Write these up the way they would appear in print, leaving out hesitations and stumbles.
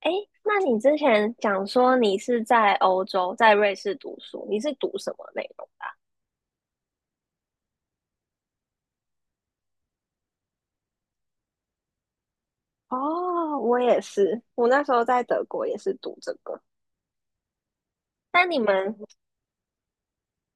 哎，那你之前讲说你是在欧洲，在瑞士读书，你是读什么内容？哦，我也是，我那时候在德国也是读这个，但你们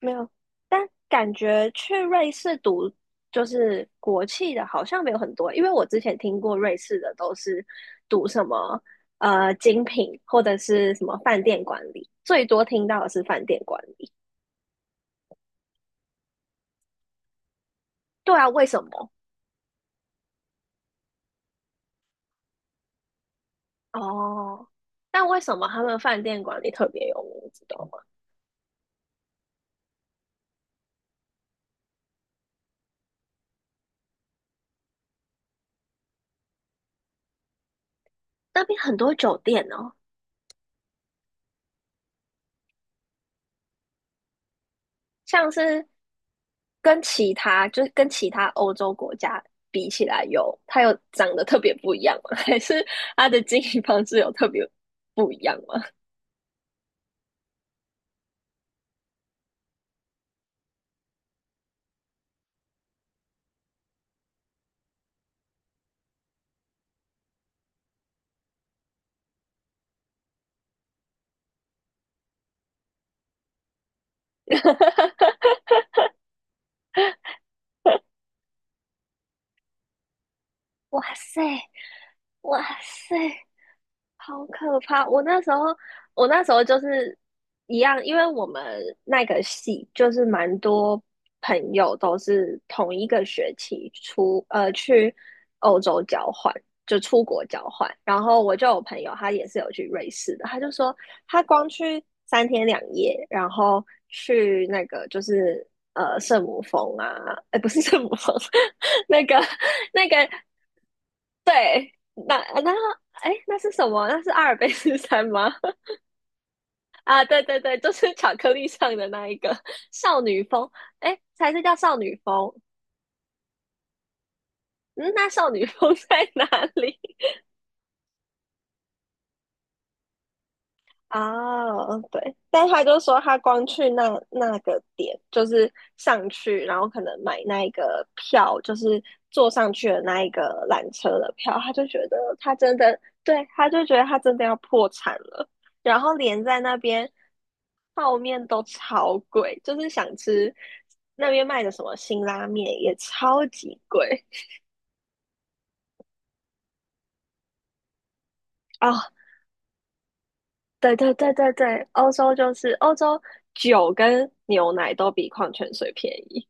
没有，但感觉去瑞士读就是国际的，好像没有很多，因为我之前听过瑞士的都是读什么精品或者是什么饭店管理，最多听到的是饭店管理。对啊，为什么？哦，但为什么他们饭店管理特别有名，你知道吗？那边很多酒店哦，像是跟其他欧洲国家比起来有，它有长得特别不一样吗？还是它的经营方式有特别不一样吗？哇塞，哇塞！好可怕！我那时候就是一样，因为我们那个系就是蛮多朋友都是同一个学期出，去欧洲交换，就出国交换。然后我就有朋友，他也是有去瑞士的，他就说他光去三天两夜，然后去那个就是圣母峰啊，哎，不是圣母峰，那个那个对，哎，那是什么？那是阿尔卑斯山吗？啊，对对对，就是巧克力上的那一个少女风，哎，才是叫少女风。嗯，那少女风在哪里？啊，嗯对，但他就说他光去那个点，就是上去，然后可能买那一个票，就是坐上去的那一个缆车的票，他就觉得他真的，对，他就觉得他真的要破产了，然后连在那边泡面都超贵，就是想吃那边卖的什么辛拉面也超级贵哦，对对对对对，欧洲酒跟牛奶都比矿泉水便宜。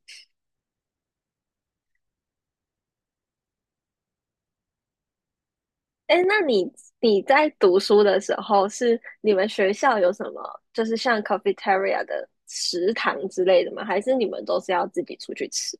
哎，那你在读书的时候，是你们学校有什么，就是像 cafeteria 的食堂之类的吗？还是你们都是要自己出去吃？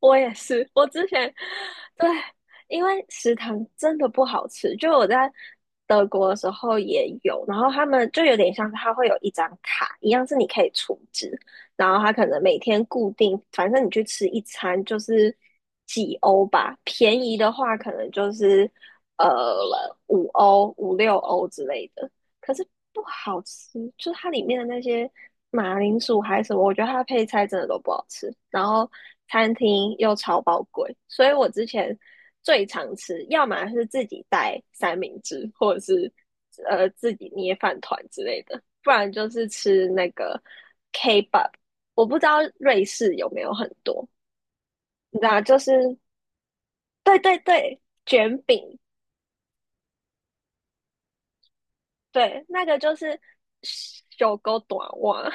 我也是，我之前对，因为食堂真的不好吃，就我在德国的时候也有，然后他们就有点像是他会有一张卡，一样是你可以储值，然后他可能每天固定，反正你去吃一餐就是几欧吧，便宜的话可能就是呃五欧、五六欧之类的。可是不好吃，就是它里面的那些马铃薯还是什么，我觉得它的配菜真的都不好吃。然后餐厅又超爆贵，所以我之前最常吃，要么是自己带三明治，或者是自己捏饭团之类的，不然就是吃那个 K-pop。我不知道瑞士有没有很多，你知道，就是对对对，卷饼，对，那个就是小狗短袜。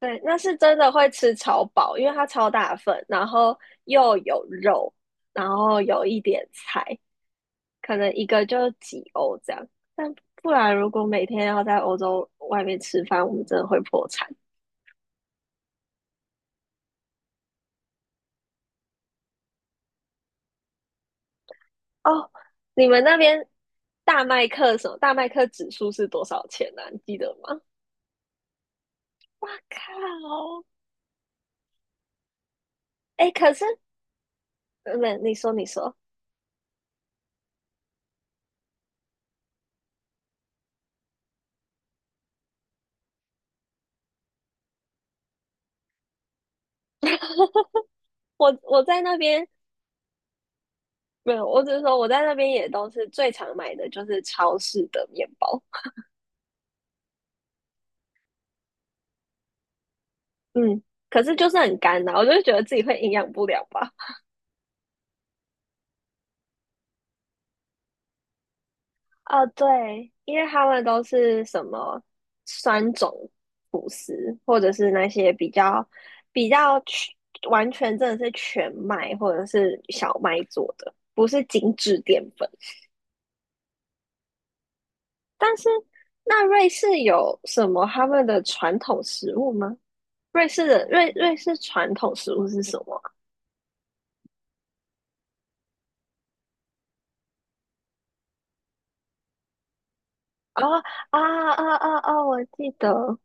对，那是真的会吃超饱，因为它超大份，然后又有肉，然后有一点菜，可能一个就几欧这样。但不然，如果每天要在欧洲外面吃饭，我们真的会破产哦。你们那边大麦克什么？大麦克指数是多少钱呢、啊你记得吗？哇靠！哎，可是，没，你说，你说，我在那边没有，我只是说我在那边也都是最常买的就是超市的面包。嗯，可是就是很干呐、我就觉得自己会营养不良吧。哦，对，因为他们都是什么酸种吐食，或者是那些比较完全真的是全麦或者是小麦做的，不是精致淀粉。但是那瑞士有什么他们的传统食物吗？瑞士的瑞士传统食物是什么啊？啊啊啊啊！我记得。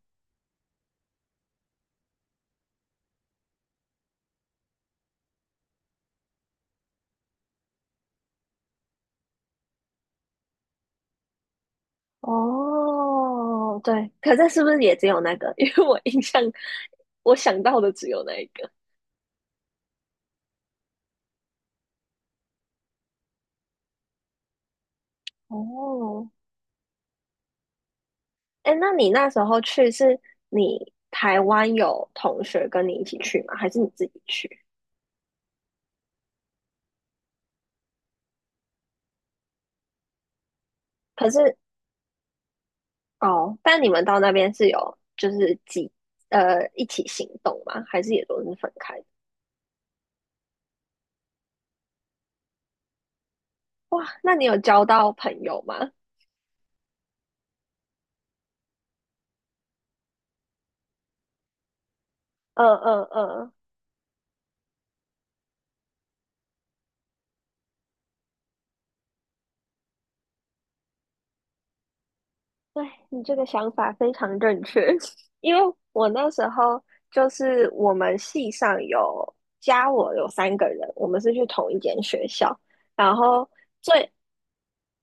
哦，对，可这是不是也只有那个？因为我印象我想到的只有那一个。哦，哎，那你那时候去是你台湾有同学跟你一起去吗？还是你自己去？可是哦，但你们到那边是有就是一起行动吗？还是也都是分开的？哇，那你有交到朋友吗？嗯嗯嗯，对，你这个想法非常正确，因为我那时候就是我们系上有加我有三个人，我们是去同一间学校，然后最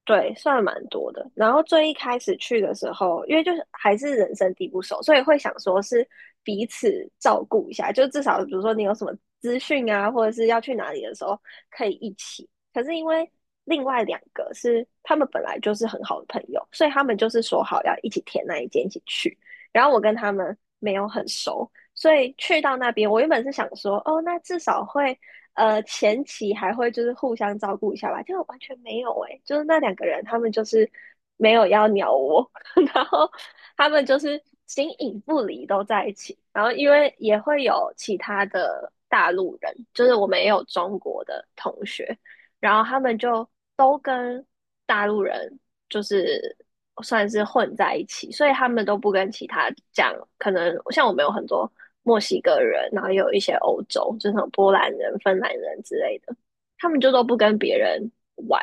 对，算蛮多的。然后最一开始去的时候，因为就是还是人生地不熟，所以会想说是彼此照顾一下，就至少比如说你有什么资讯啊，或者是要去哪里的时候可以一起。可是因为另外两个是他们本来就是很好的朋友，所以他们就是说好要一起填那一间一起去。然后我跟他们没有很熟，所以去到那边，我原本是想说，哦，那至少会，前期还会就是互相照顾一下吧，结果完全没有诶、就是那两个人他们就是没有要鸟我，然后他们就是形影不离都在一起，然后因为也会有其他的大陆人，就是我们也有中国的同学，然后他们就都跟大陆人就是算是混在一起，所以他们都不跟其他讲，可能像我们有很多墨西哥人，然后有一些欧洲，就是那种波兰人、芬兰人之类的，他们就都不跟别人玩，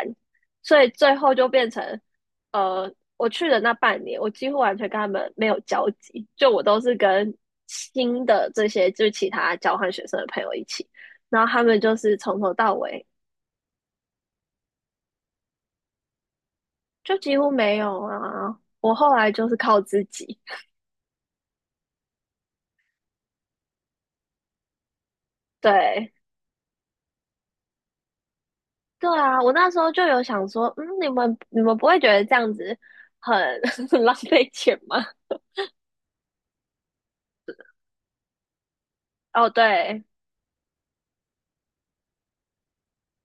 所以最后就变成，我去的那半年，我几乎完全跟他们没有交集，就我都是跟新的这些就是其他交换学生的朋友一起，然后他们就是从头到尾就几乎没有啊，我后来就是靠自己，对，对啊，我那时候就有想说，嗯，你们不会觉得这样子很 很浪费钱吗？哦，对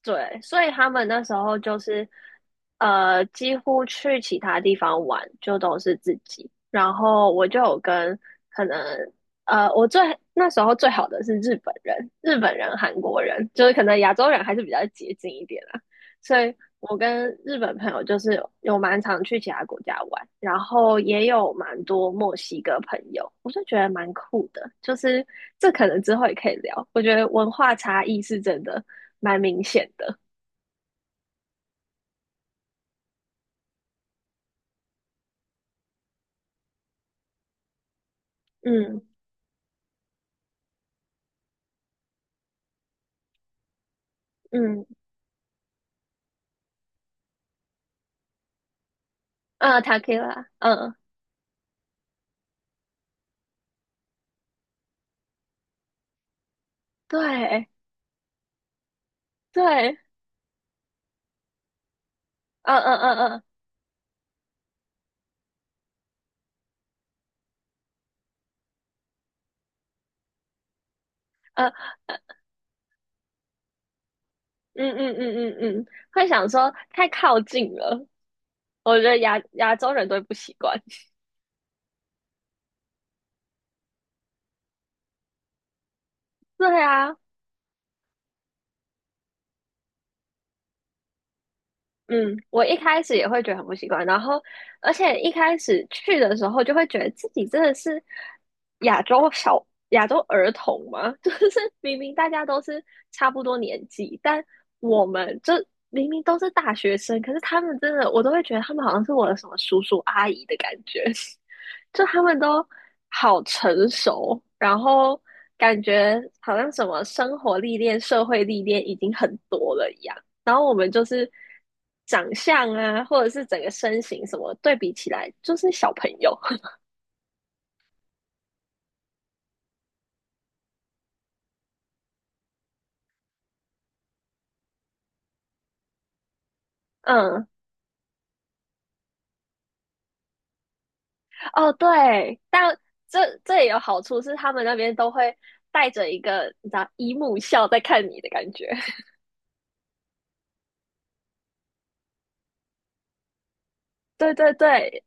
对，所以他们那时候就是几乎去其他地方玩就都是自己，然后我就有跟可能我那时候最好的是日本人、韩国人，就是可能亚洲人还是比较接近一点啦，所以我跟日本朋友就是有蛮常去其他国家玩，然后也有蛮多墨西哥朋友，我就觉得蛮酷的，就是这可能之后也可以聊，我觉得文化差异是真的蛮明显的，嗯嗯。嗯 takila 嗯，对对，嗯嗯嗯嗯嗯嗯嗯嗯嗯，嗯会想说太靠近了，我觉得亚洲人都会不习惯。对啊，嗯，我一开始也会觉得很不习惯，然后而且一开始去的时候就会觉得自己真的是亚洲儿童嘛，就是明明大家都是差不多年纪，但我们就明明都是大学生，可是他们真的我都会觉得他们好像是我的什么叔叔阿姨的感觉，就他们都好成熟，然后感觉好像什么生活历练、社会历练已经很多了一样。然后我们就是长相啊，或者是整个身形什么对比起来，就是小朋友。嗯，哦对，但这也有好处，是他们那边都会带着一个你知道姨母笑在看你的感觉。对对对，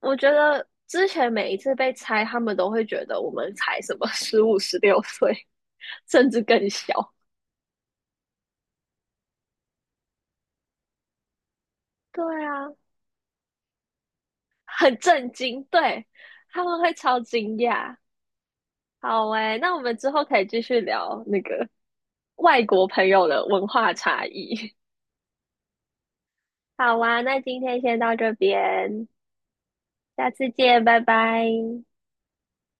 我觉得之前每一次被猜，他们都会觉得我们才什么15、16岁，甚至更小。对啊，很震惊，对，他们会超惊讶。好诶，那我们之后可以继续聊那个外国朋友的文化差异。好啊，那今天先到这边，下次见，拜拜。